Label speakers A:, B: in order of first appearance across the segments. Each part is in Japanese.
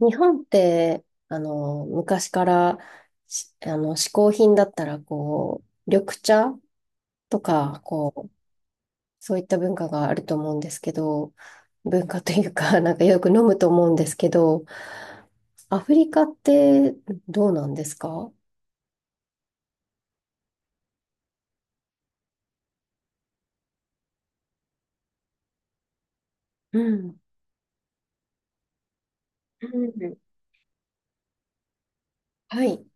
A: 日本って、昔からし、あの、嗜好品だったら、緑茶とか、そういった文化があると思うんですけど、文化というか、なんかよく飲むと思うんですけど、アフリカってどうなんですか？うん。うん、はい。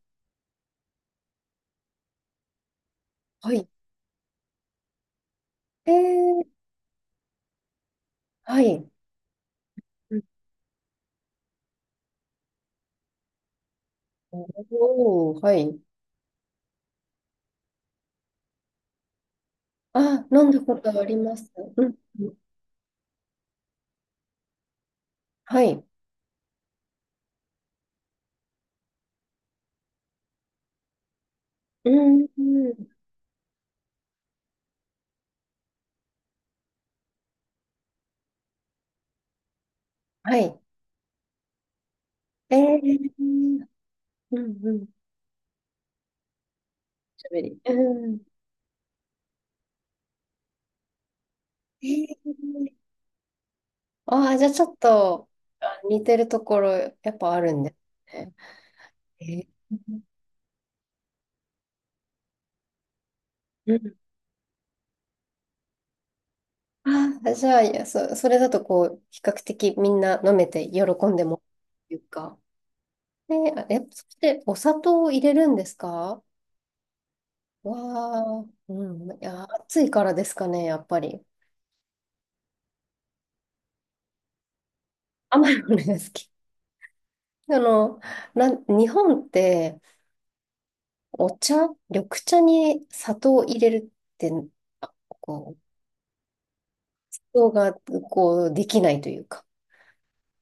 A: はい。えー、はい。うん。おー、はい。あ、飲んだことあります。うん。はい。うん。はい。えーうんうん。喋り。うん。えー、ああ、じゃあちょっと、あ、似てるところやっぱあるんですね。えーうん。ああ、じゃあ、いや、それだと比較的みんな飲めて喜んでもらえるっていうか。ね、そしてお砂糖を入れるんですか？わあ、うん。いや、暑いからですかね、やっぱり。甘いものが好き。あの、日本って、お茶、緑茶に砂糖を入れるって、あ、想が、できないというか、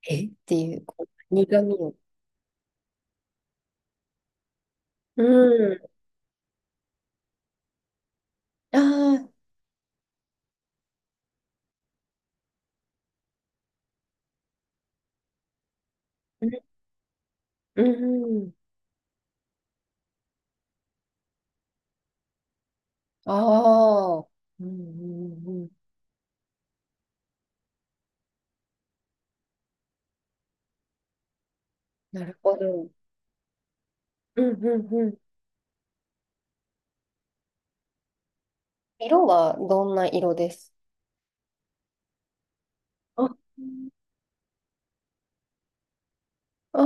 A: っていう、苦味を。うん。ああ、うん。うん。ああ、うん、うん、うん。なるほど。うん、うん、うん。色はどんな色ですあ、あ、は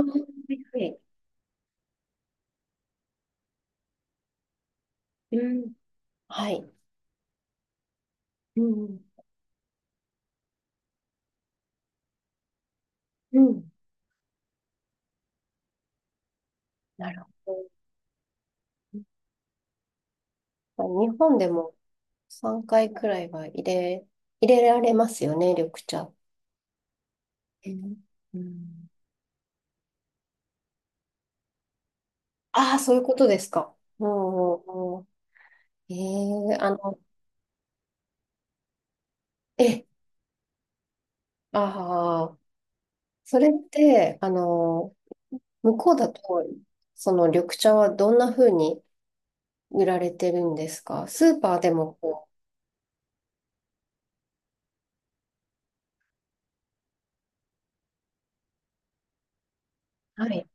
A: いはい。うん。はい。うん。うん。なるほど。日本でも3回くらいは入れられますよね、緑茶。えーうん。ああ、そういうことですか。うん。うん、ええ、あの、え、ああ、それって、あの、向こうだと、その緑茶はどんな風に売られてるんですか？スーパーでも。はい。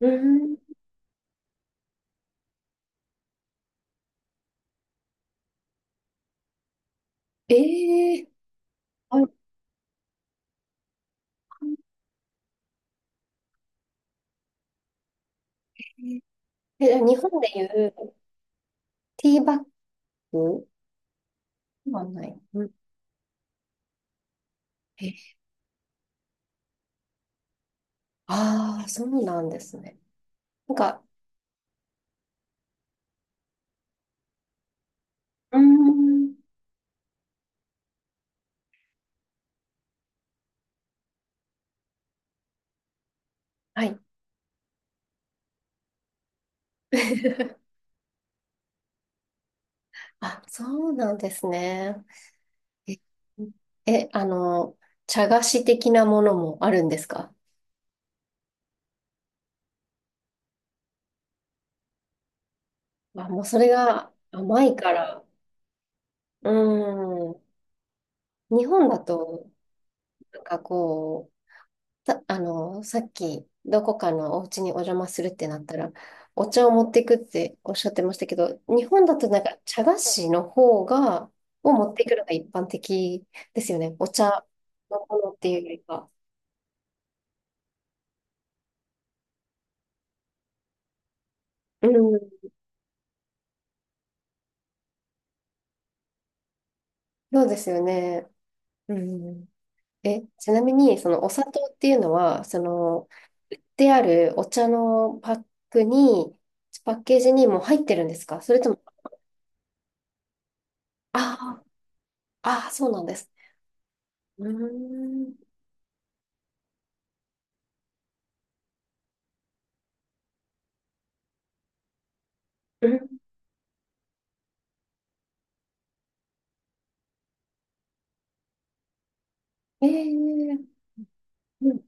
A: うん。ええ、あじゃあ日本でいうティーバッグはない。うん。え、ああ、そうなんですね。なんか、うーん。はい。あ、そうなんですね。え、あの、茶菓子的なものもあるんですか？あ、もうそれが甘いから。うーん。日本だと、なんかこう、あの、さっき、どこかのお家にお邪魔するってなったら、お茶を持っていくっておっしゃってましたけど、日本だとなんか茶菓子の方が、を持っていくのが一般的ですよね。お茶のものっていうよりか。うん、そうですよね。うん。え、ちなみに、そのお砂糖っていうのは、その、であるお茶のパックに、パッケージにもう入ってるんですか？それとも、ああ、ああ、そうなんです。うーん。うん。えー、うん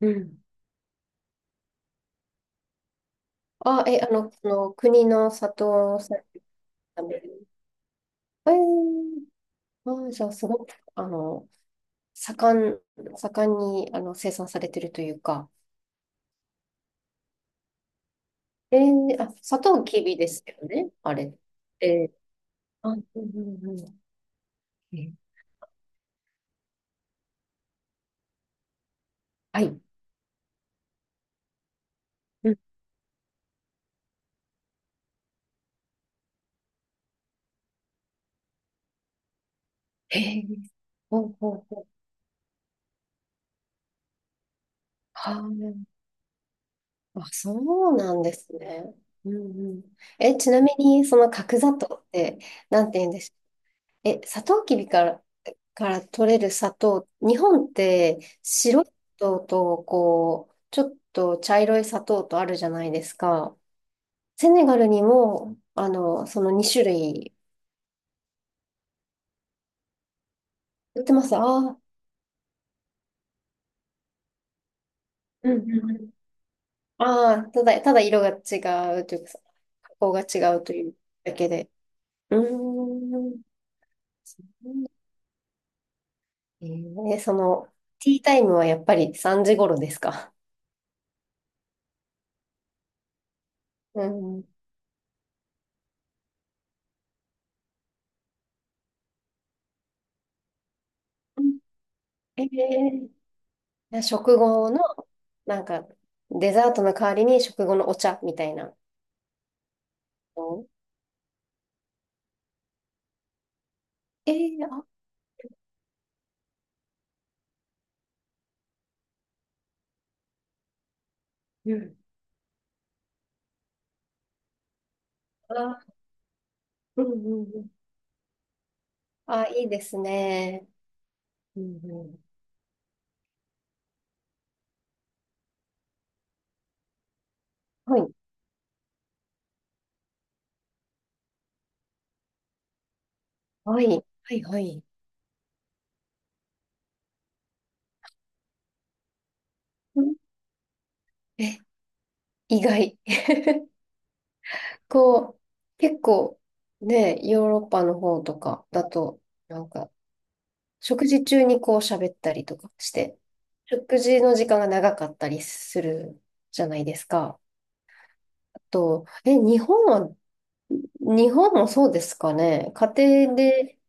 A: うんうん。あ、え、あの、その国の砂糖さんみたいな。えー、あ、じゃあ、すごく、あの、盛ん、盛んに、あの、生産されてるというか、あ、サトウキビですよね、あれ。えー、あ、うんうんうん。えーはい。うん。へえ、ほうほうほう。はあ、あ、そうなんですね。うんうん。え、ちなみに、その角砂糖って、なんて言うんでしょう。え、サトウキビから、から取れる砂糖、日本って白い砂糖と、こう、ちょっと茶色い砂糖とあるじゃないですか。セネガルにも、あの、その2種類売ってますああ、うんうんうん。ああ、ただ色が違うというかさ、加工が違うというだけで。うーん。えその、ティータイムはやっぱり3時頃ですか？うん。えー、食後の、なんか、デザートの代わりに食後のお茶みたいなの。あ、うん。あ、うんうんうん。あ、いいですね。うんうん。はい。はい。はいはい。うん。え、意外。こう、結構ね、ヨーロッパの方とかだと、なんか、食事中にこう喋ったりとかして、食事の時間が長かったりするじゃないですか。あと、え、日本は、日本もそうですかね。家庭で、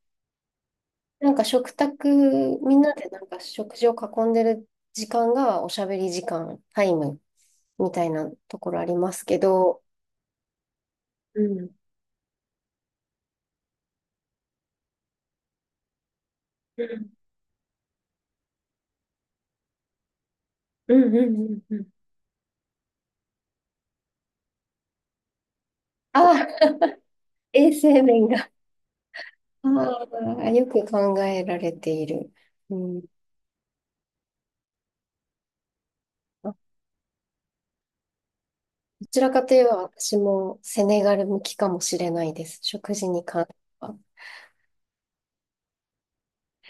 A: なんか食卓、みんなでなんか食事を囲んでる時間がおしゃべり時間、タイムみたいなところありますけど、うん。うんうんうんうんうん。ああ、衛生面が、ああ、よく考えられている。うん。あ、どちらかといえば私もセネガル向きかもしれないです。食事に関しては。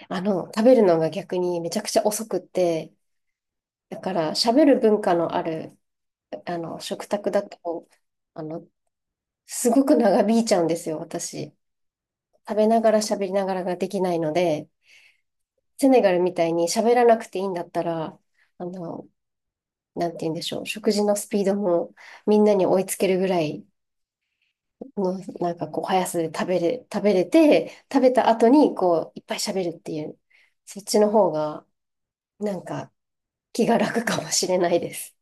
A: あの、食べるのが逆にめちゃくちゃ遅くって、だから喋る文化のある、あの、食卓だと、あの、すごく長引いちゃうんですよ、私。食べながら喋りながらができないので、セネガルみたいに喋らなくていいんだったら、あの、なんて言うんでしょう、食事のスピードもみんなに追いつけるぐらい、の、なんかこう、速さで食べれて、食べた後に、こう、いっぱい喋るっていう、そっちの方が、なんか、気が楽かもしれないです。